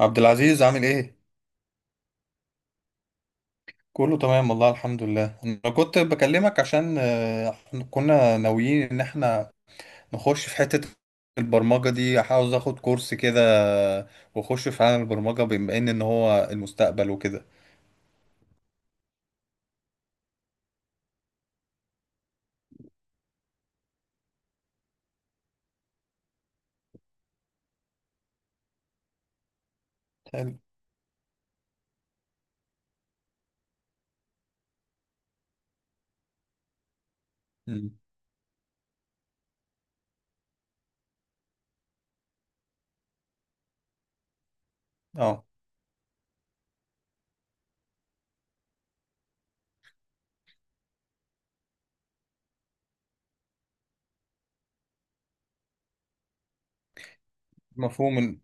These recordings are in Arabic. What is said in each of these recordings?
عبد العزيز عامل ايه؟ كله تمام والله الحمد لله انا كنت بكلمك عشان إحنا كنا ناويين ان احنا نخش في حتة البرمجة دي، عاوز اخد كورس كده. آه، واخش في عالم البرمجة بما ان هو المستقبل وكده. حلو. مم. اه. مفهوم.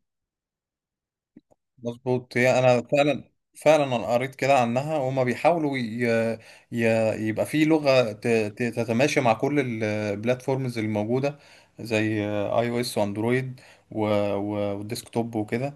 مظبوط، هي انا فعلا فعلا انا قريت كده عنها، وهما بيحاولوا ي... يبقى في لغة تتماشى مع كل البلاتفورمز الموجودة، زي اي او اس واندرويد و... والديسكتوب وكده.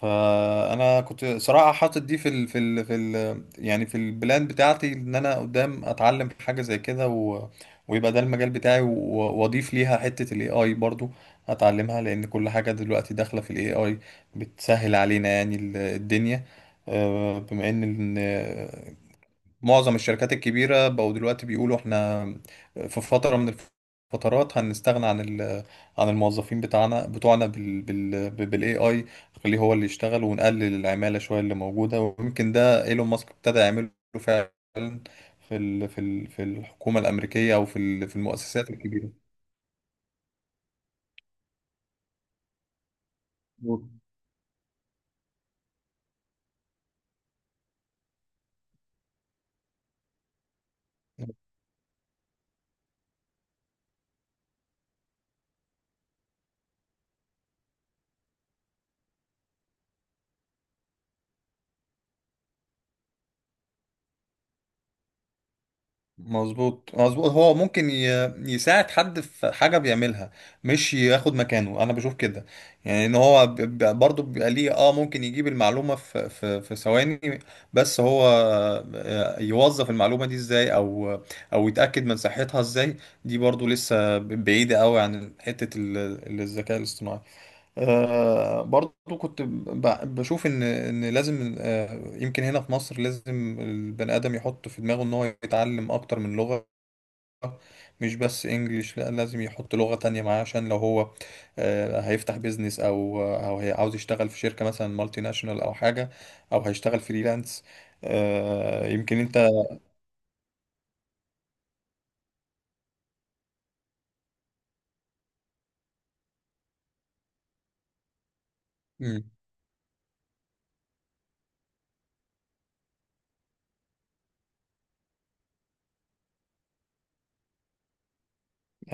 فانا كنت صراحه حاطط دي في ال في ال في ال يعني في البلان بتاعتي ان انا قدام اتعلم حاجه زي كده ويبقى ده المجال بتاعي، واضيف ليها حته الاي اي. برضو هتعلمها لان كل حاجه دلوقتي داخله في الاي اي، بتسهل علينا يعني الدنيا. بما إن معظم الشركات الكبيرة بقوا دلوقتي بيقولوا احنا في فترة من الفترات هنستغنى عن عن الموظفين بتاعنا بتوعنا بالاي اي. خليه هو اللي يشتغل ونقلل العمالة شوية اللي موجودة، ويمكن ده ايلون ماسك ابتدى يعمله فعلا في الحكومة الأمريكية، أو في المؤسسات الكبيرة. مظبوط مظبوط، هو ممكن يساعد حد في حاجة بيعملها، مش ياخد مكانه، انا بشوف كده. يعني ان هو برضه بيبقى ليه اه ممكن يجيب المعلومة في ثواني. بس هو يوظف المعلومة دي ازاي، او يتأكد من صحتها ازاي؟ دي برضه لسه بعيدة قوي عن حتة الذكاء الاصطناعي. آه، برضو كنت بشوف ان لازم، يمكن هنا في مصر لازم البني ادم يحط في دماغه ان هو يتعلم اكتر من لغة، مش بس انجليش، لا، لازم يحط لغة تانية معاه عشان لو هو هيفتح بيزنس او هي عاوز يشتغل في شركة مثلا مالتي ناشونال او حاجة، او هيشتغل فريلانس. يمكن انت. مم.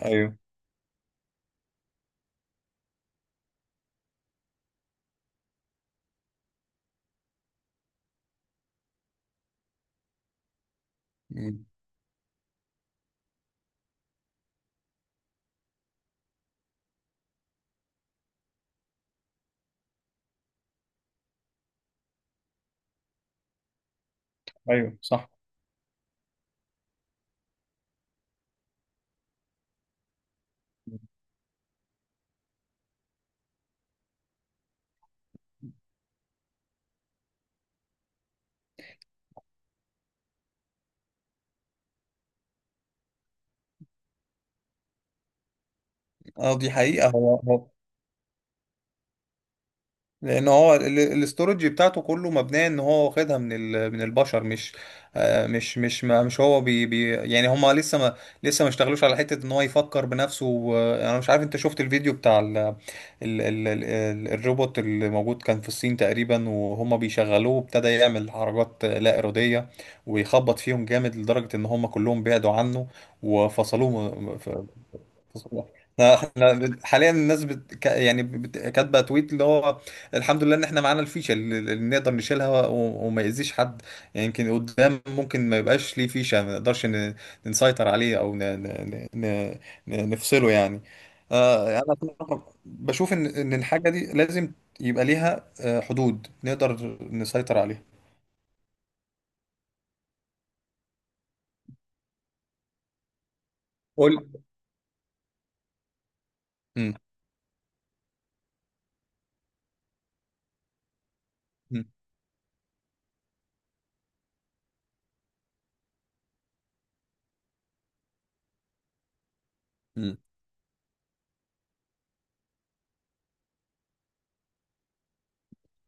ايوه. مم. ايوه صح. اه، دي حقيقة. هو لان هو الاستورج بتاعته كله مبنيه ان هو واخدها من من البشر، مش آه، مش مش ما مش هو بي بي يعني هما لسه ما اشتغلوش على حته ان هو يفكر بنفسه، انا مش عارف انت شفت الفيديو بتاع ال ال ال ال الروبوت اللي موجود كان في الصين تقريبا، وهما بيشغلوه ابتدى يعمل حركات لا اراديه ويخبط فيهم جامد لدرجه ان هما كلهم بعدوا عنه وفصلوه. صباح. لا، احنا حاليا الناس يعني كاتبه تويت اللي هو الحمد لله ان احنا معانا الفيشه اللي نقدر نشيلها وما يأذيش حد. يعني يمكن قدام ممكن ما يبقاش ليه فيشه، ما نقدرش نسيطر عليه او نفصله يعني. آه، انا صراحة بشوف ان الحاجه دي لازم يبقى ليها حدود نقدر نسيطر عليها. قول. مم. مم. مم.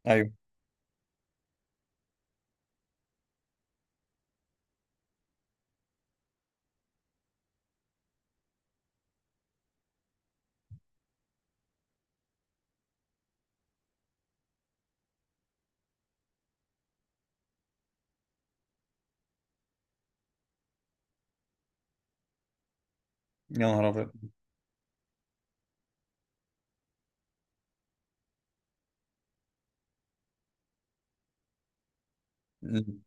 ايوه. يا نهار ابيض. مم.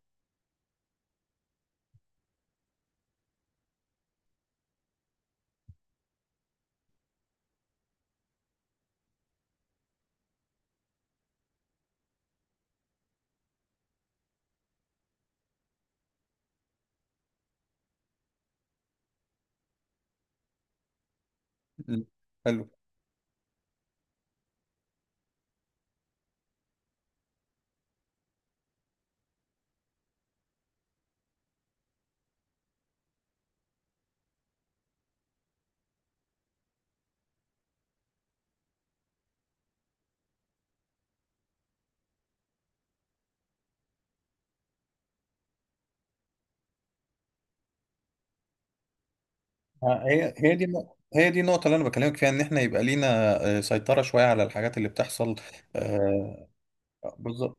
مم. حلو. هي دي النقطة اللي أنا بكلمك فيها، إن إحنا يبقى لينا سيطرة شوية على الحاجات اللي بتحصل. آه، بالظبط.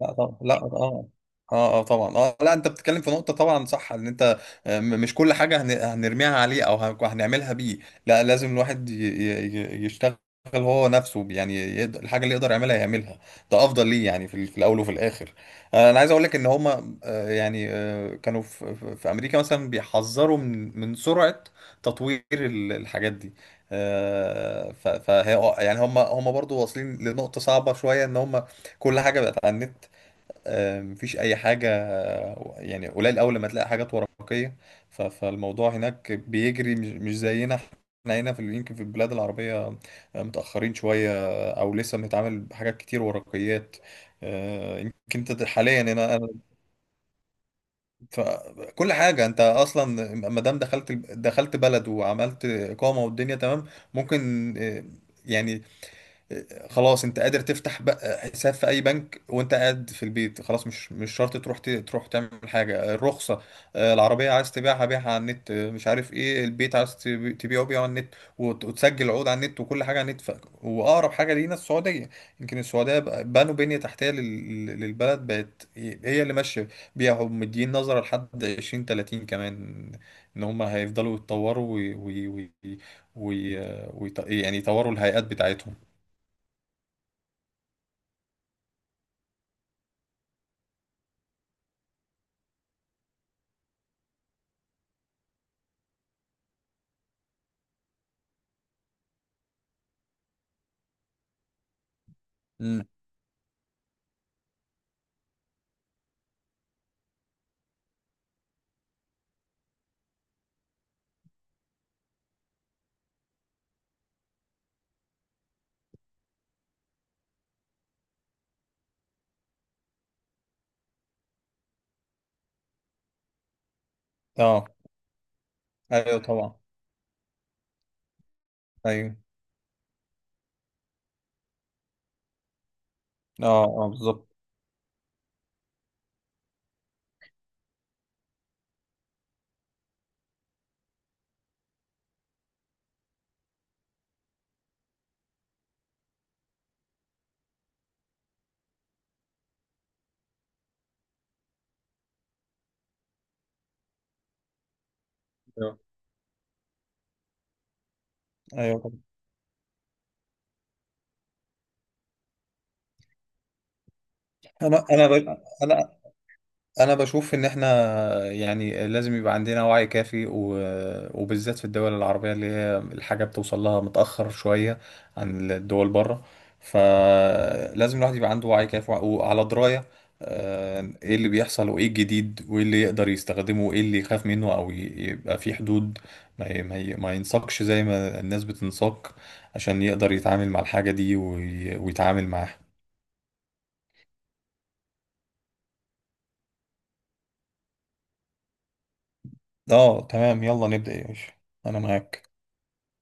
لا طبعا، لا، اه، اه، اه، طبعا، اه، لا، انت بتتكلم في نقطة طبعا صح. ان انت، مش كل حاجة هنرميها عليه او هنعملها بيه. لا، لازم الواحد يشتغل هو نفسه، يعني يقدر الحاجة اللي يقدر يعملها يعملها. ده افضل ليه يعني في الاول وفي الاخر. انا عايز اقول لك ان هما يعني كانوا في, في في امريكا مثلا بيحذروا من سرعة تطوير الحاجات دي. يعني هم برضو واصلين لنقطة صعبة شوية، ان هم كل حاجه بقت على النت. مفيش اي حاجه، يعني قليل اول لما تلاقي حاجات ورقيه. فالموضوع هناك بيجري، مش زينا احنا هنا في يمكن في البلاد العربيه متاخرين شويه، او لسه بنتعامل بحاجات كتير ورقيات. يمكن انت حاليا هنا انا. ف- كل حاجه انت اصلا، ما دام دخلت بلد وعملت اقامه والدنيا تمام، ممكن يعني خلاص انت قادر تفتح بقى حساب في اي بنك وانت قاعد في البيت، خلاص مش شرط تروح تروح تعمل حاجه. الرخصه العربيه عايز تبيعها، بيعها على النت. مش عارف ايه، البيت عايز تبيعه، بيعه على النت، وتسجل عقود على النت، وكل حاجه على النت. واقرب حاجه لينا السعوديه. يمكن السعوديه بنوا بنيه تحتيه للبلد، بقت هي اللي ماشيه بيها، ومدين نظره لحد 20 30 كمان ان هم هيفضلوا يتطوروا وي... يعني يطوروا الهيئات بتاعتهم. امم. اه. ايوه طبعا. ايوه. اه، اه، بالظبط. ايوه. أيوة طبعا. انا انا ب... انا انا بشوف ان احنا، يعني لازم يبقى عندنا وعي كافي وبالذات في الدول العربية اللي هي الحاجة بتوصل لها متأخر شوية عن الدول بره. فلازم الواحد يبقى عنده وعي كافي وعلى دراية ايه اللي بيحصل وايه الجديد وايه اللي يقدر يستخدمه وايه اللي يخاف منه، او يبقى في حدود، ما ينساقش زي ما الناس بتنساق، عشان يقدر يتعامل مع الحاجة دي ويتعامل معاها. اه تمام، يلا نبدأ يا باشا، انا معاك.